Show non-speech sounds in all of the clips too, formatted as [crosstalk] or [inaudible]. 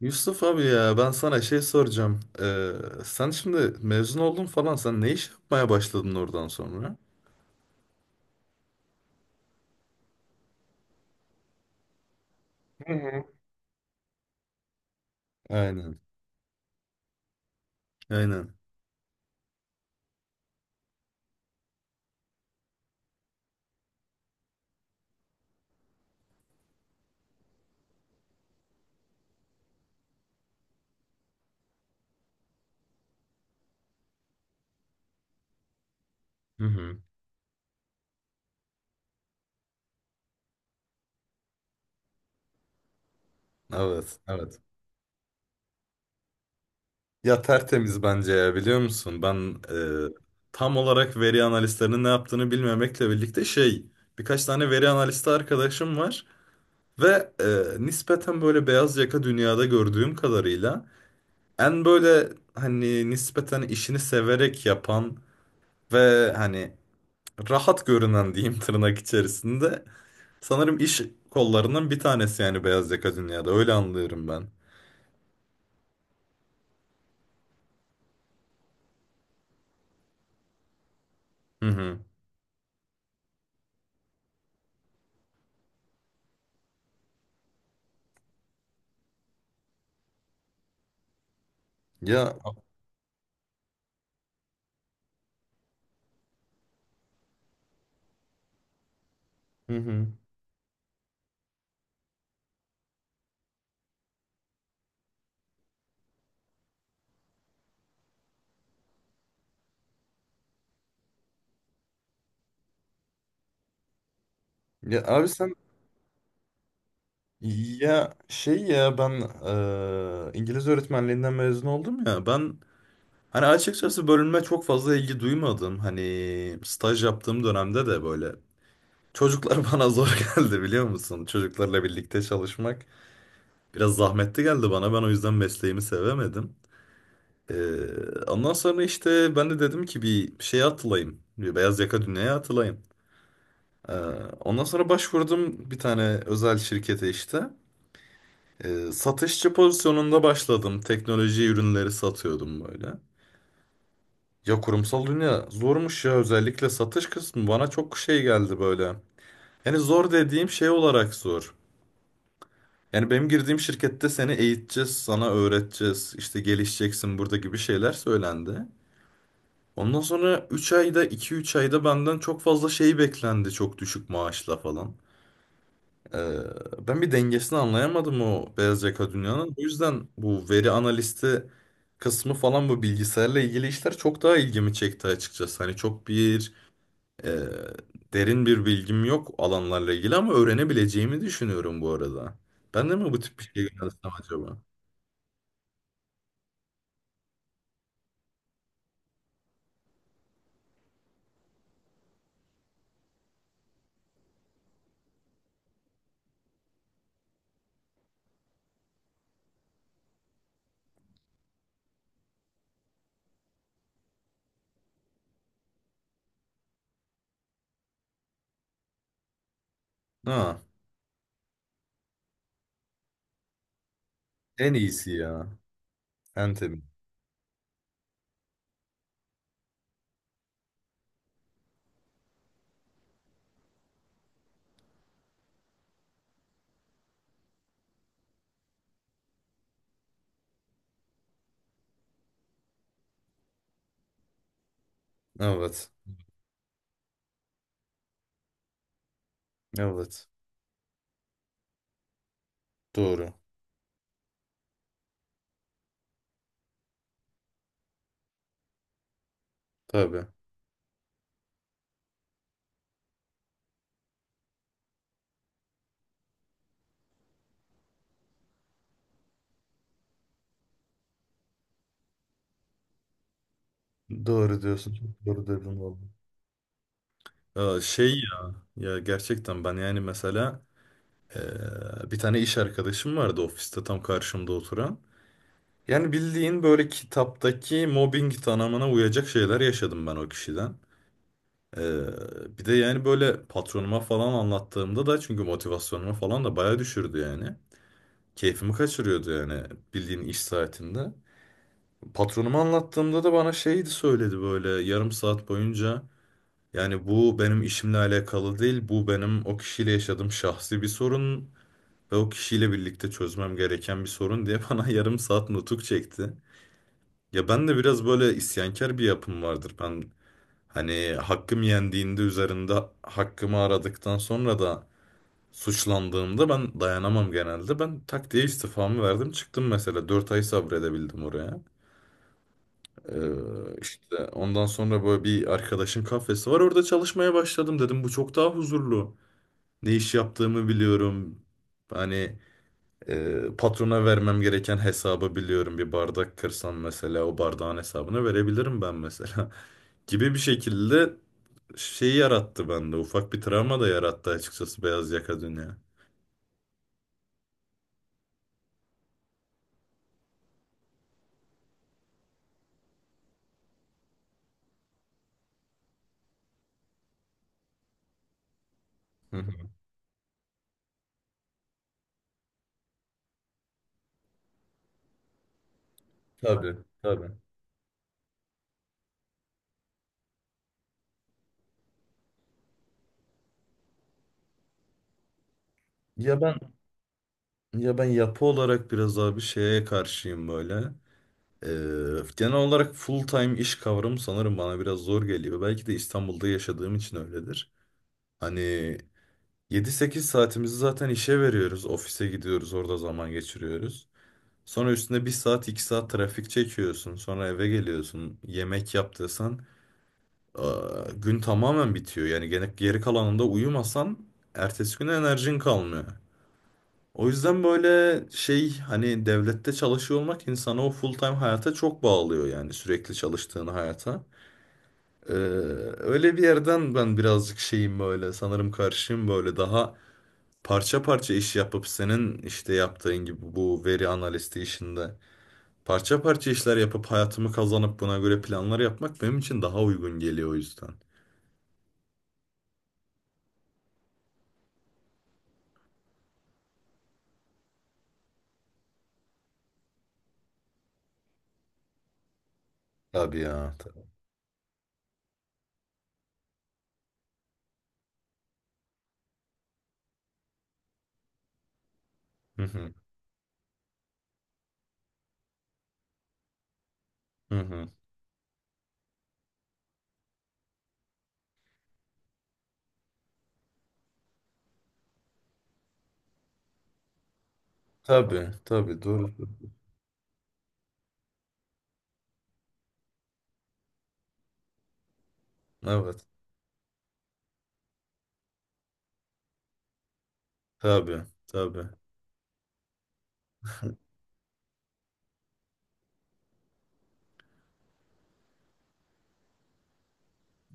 Yusuf abi ya ben sana şey soracağım. Sen şimdi mezun oldun falan sen ne iş yapmaya başladın oradan sonra? Aynen. Aynen. Hı hı. Evet, evet. Ya tertemiz bence ya biliyor musun? Ben e, tam olarak veri analistlerinin ne yaptığını bilmemekle birlikte şey birkaç tane veri analisti arkadaşım var ve nispeten böyle beyaz yaka dünyada gördüğüm kadarıyla en böyle hani nispeten işini severek yapan ve hani rahat görünen diyeyim tırnak içerisinde. Sanırım iş kollarının bir tanesi yani beyaz yaka dünyada. Öyle anlıyorum ben. Hı hı. Ya hı hı. Ya abi sen ya şey ya ben İngiliz öğretmenliğinden mezun oldum ya. Ben hani açıkçası bölüme çok fazla ilgi duymadım. Hani staj yaptığım dönemde de böyle çocuklar [laughs] bana zor geldi biliyor musun? Çocuklarla birlikte çalışmak biraz zahmetli geldi bana. Ben o yüzden mesleğimi sevemedim. Ee, Ondan sonra işte ben de dedim ki bir şeye atılayım. Bir beyaz yaka dünyaya atılayım. Ee, Ondan sonra başvurdum bir tane özel şirkete işte. Satışçı pozisyonunda başladım. Teknoloji ürünleri satıyordum böyle. Ya kurumsal dünya zormuş ya özellikle satış kısmı bana çok şey geldi böyle. Yani zor dediğim şey olarak zor. Yani benim girdiğim şirkette seni eğiteceğiz, sana öğreteceğiz, işte gelişeceksin burada gibi şeyler söylendi. Ondan sonra 3 ayda 2 3 ayda benden çok fazla şey beklendi çok düşük maaşla falan. Ee, Ben bir dengesini anlayamadım o beyaz yaka dünyanın. O yüzden bu veri analisti kısmı falan bu bilgisayarla ilgili işler çok daha ilgimi çekti açıkçası. Hani çok bir e, derin bir bilgim yok alanlarla ilgili ama öğrenebileceğimi düşünüyorum bu arada. Ben de mi bu tip bir şey yönelsem acaba? Ha, en iyisi ya. En tabii. Evet. Evet. Doğru. Tabii. Doğru diyorsun. Çok doğru dedin valla. Aa, şey ya, ya gerçekten ben yani mesela eee, bir tane iş arkadaşım vardı ofiste tam karşımda oturan. Yani bildiğin böyle kitaptaki mobbing tanımına uyacak şeyler yaşadım ben o kişiden. Eee, Bir de yani böyle patronuma falan anlattığımda da çünkü motivasyonumu falan da bayağı düşürdü yani. Keyfimi kaçırıyordu yani bildiğin iş saatinde. Patronuma anlattığımda da bana şeydi söyledi böyle yarım saat boyunca. Yani bu benim işimle alakalı değil. Bu benim o kişiyle yaşadığım şahsi bir sorun ve o kişiyle birlikte çözmem gereken bir sorun diye [laughs] bana yarım saat nutuk çekti. Ya ben de biraz böyle isyankar bir yapım vardır. Ben hani hakkım yendiğinde üzerinde hakkımı aradıktan sonra da suçlandığımda ben dayanamam genelde. Ben tak diye istifamı verdim çıktım mesela 4 ay sabredebildim oraya. İşte ondan sonra böyle bir arkadaşın kafesi var orada çalışmaya başladım dedim bu çok daha huzurlu. Ne iş yaptığımı biliyorum. Hani patrona vermem gereken hesabı biliyorum. Bir bardak kırsam mesela o bardağın hesabını verebilirim ben mesela. [laughs] Gibi bir şekilde şey yarattı bende. Ufak bir travma da yarattı açıkçası beyaz yaka dünya. Hı hı. Tabii, tabii. Ya ben ya ben yapı olarak biraz abi şeye karşıyım böyle. Ee, Genel olarak full time iş kavramı sanırım bana biraz zor geliyor. Belki de İstanbul'da yaşadığım için öyledir. Hani 7 8 saatimizi zaten işe veriyoruz. Ofise gidiyoruz, orada zaman geçiriyoruz. Sonra üstüne 1 saat 2 saat trafik çekiyorsun. Sonra eve geliyorsun. Yemek yaptıysan gün tamamen bitiyor. Yani gene geri kalanında uyumasan ertesi güne enerjin kalmıyor. O yüzden böyle şey hani devlette çalışıyor olmak insanı o full time hayata çok bağlıyor yani sürekli çalıştığın hayata. Ee, Öyle bir yerden ben birazcık şeyim böyle sanırım karşıyım böyle daha parça parça iş yapıp senin işte yaptığın gibi bu veri analisti işinde parça parça işler yapıp hayatımı kazanıp buna göre planlar yapmak benim için daha uygun geliyor o yüzden. Tabii ya. Tabii. Hı hı. Hı hı. Tabii, tabii doğru. Evet. Tabii, tabii.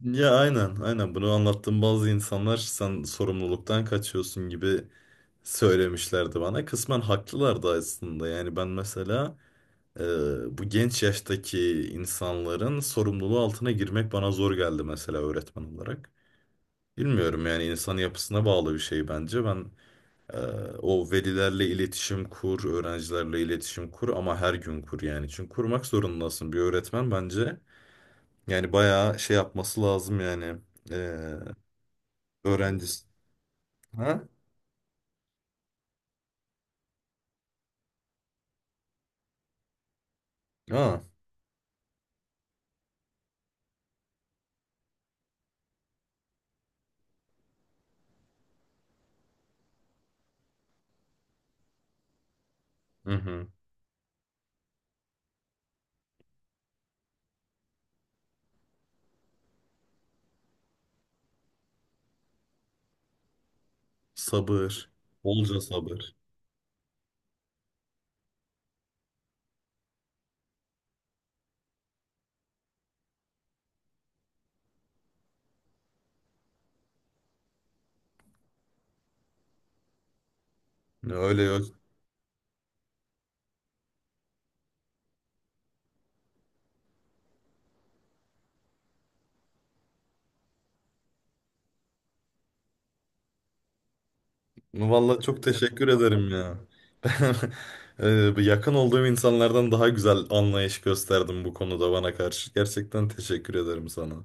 Ya aynen, aynen bunu anlattığım bazı insanlar sen sorumluluktan kaçıyorsun gibi söylemişlerdi bana. Kısmen haklılar da aslında. Yani ben mesela e, bu genç yaştaki insanların sorumluluğu altına girmek bana zor geldi mesela öğretmen olarak. Bilmiyorum yani insan yapısına bağlı bir şey bence. Ben e, o velilerle iletişim kur, öğrencilerle iletişim kur ama her gün kur yani. Çünkü kurmak zorundasın bir öğretmen bence. Yani bayağı şey yapması lazım yani. E, Öğrencisi. Ha? Ha. Hı hı. Sabır. Bolca sabır. Öyle yok. Vallahi çok teşekkür ederim ya. [laughs] Ben bu yakın olduğum insanlardan daha güzel anlayış gösterdim bu konuda bana karşı. Gerçekten teşekkür ederim sana.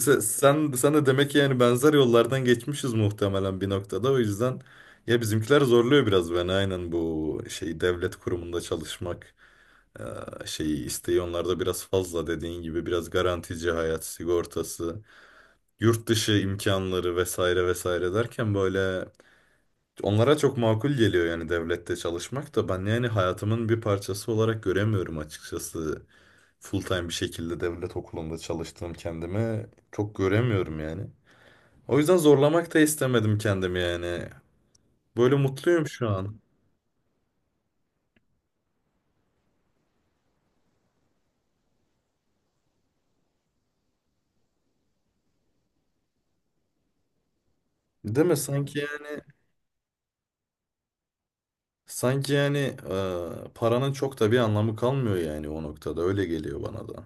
Sen de demek ki yani benzer yollardan geçmişiz muhtemelen bir noktada. O yüzden ya bizimkiler zorluyor biraz beni aynen bu şey devlet kurumunda çalışmak eee, şeyi isteği onlarda biraz fazla dediğin gibi biraz garantici hayat sigortası, yurt dışı imkanları vesaire vesaire derken böyle onlara çok makul geliyor yani devlette çalışmak da ben yani hayatımın bir parçası olarak göremiyorum açıkçası. Full time bir şekilde devlet okulunda çalıştığım kendimi çok göremiyorum yani. O yüzden zorlamak da istemedim kendimi yani. Böyle mutluyum şu an. Değil mi? Sanki yani sanki yani paranın çok da bir anlamı kalmıyor yani o noktada. Öyle geliyor bana da.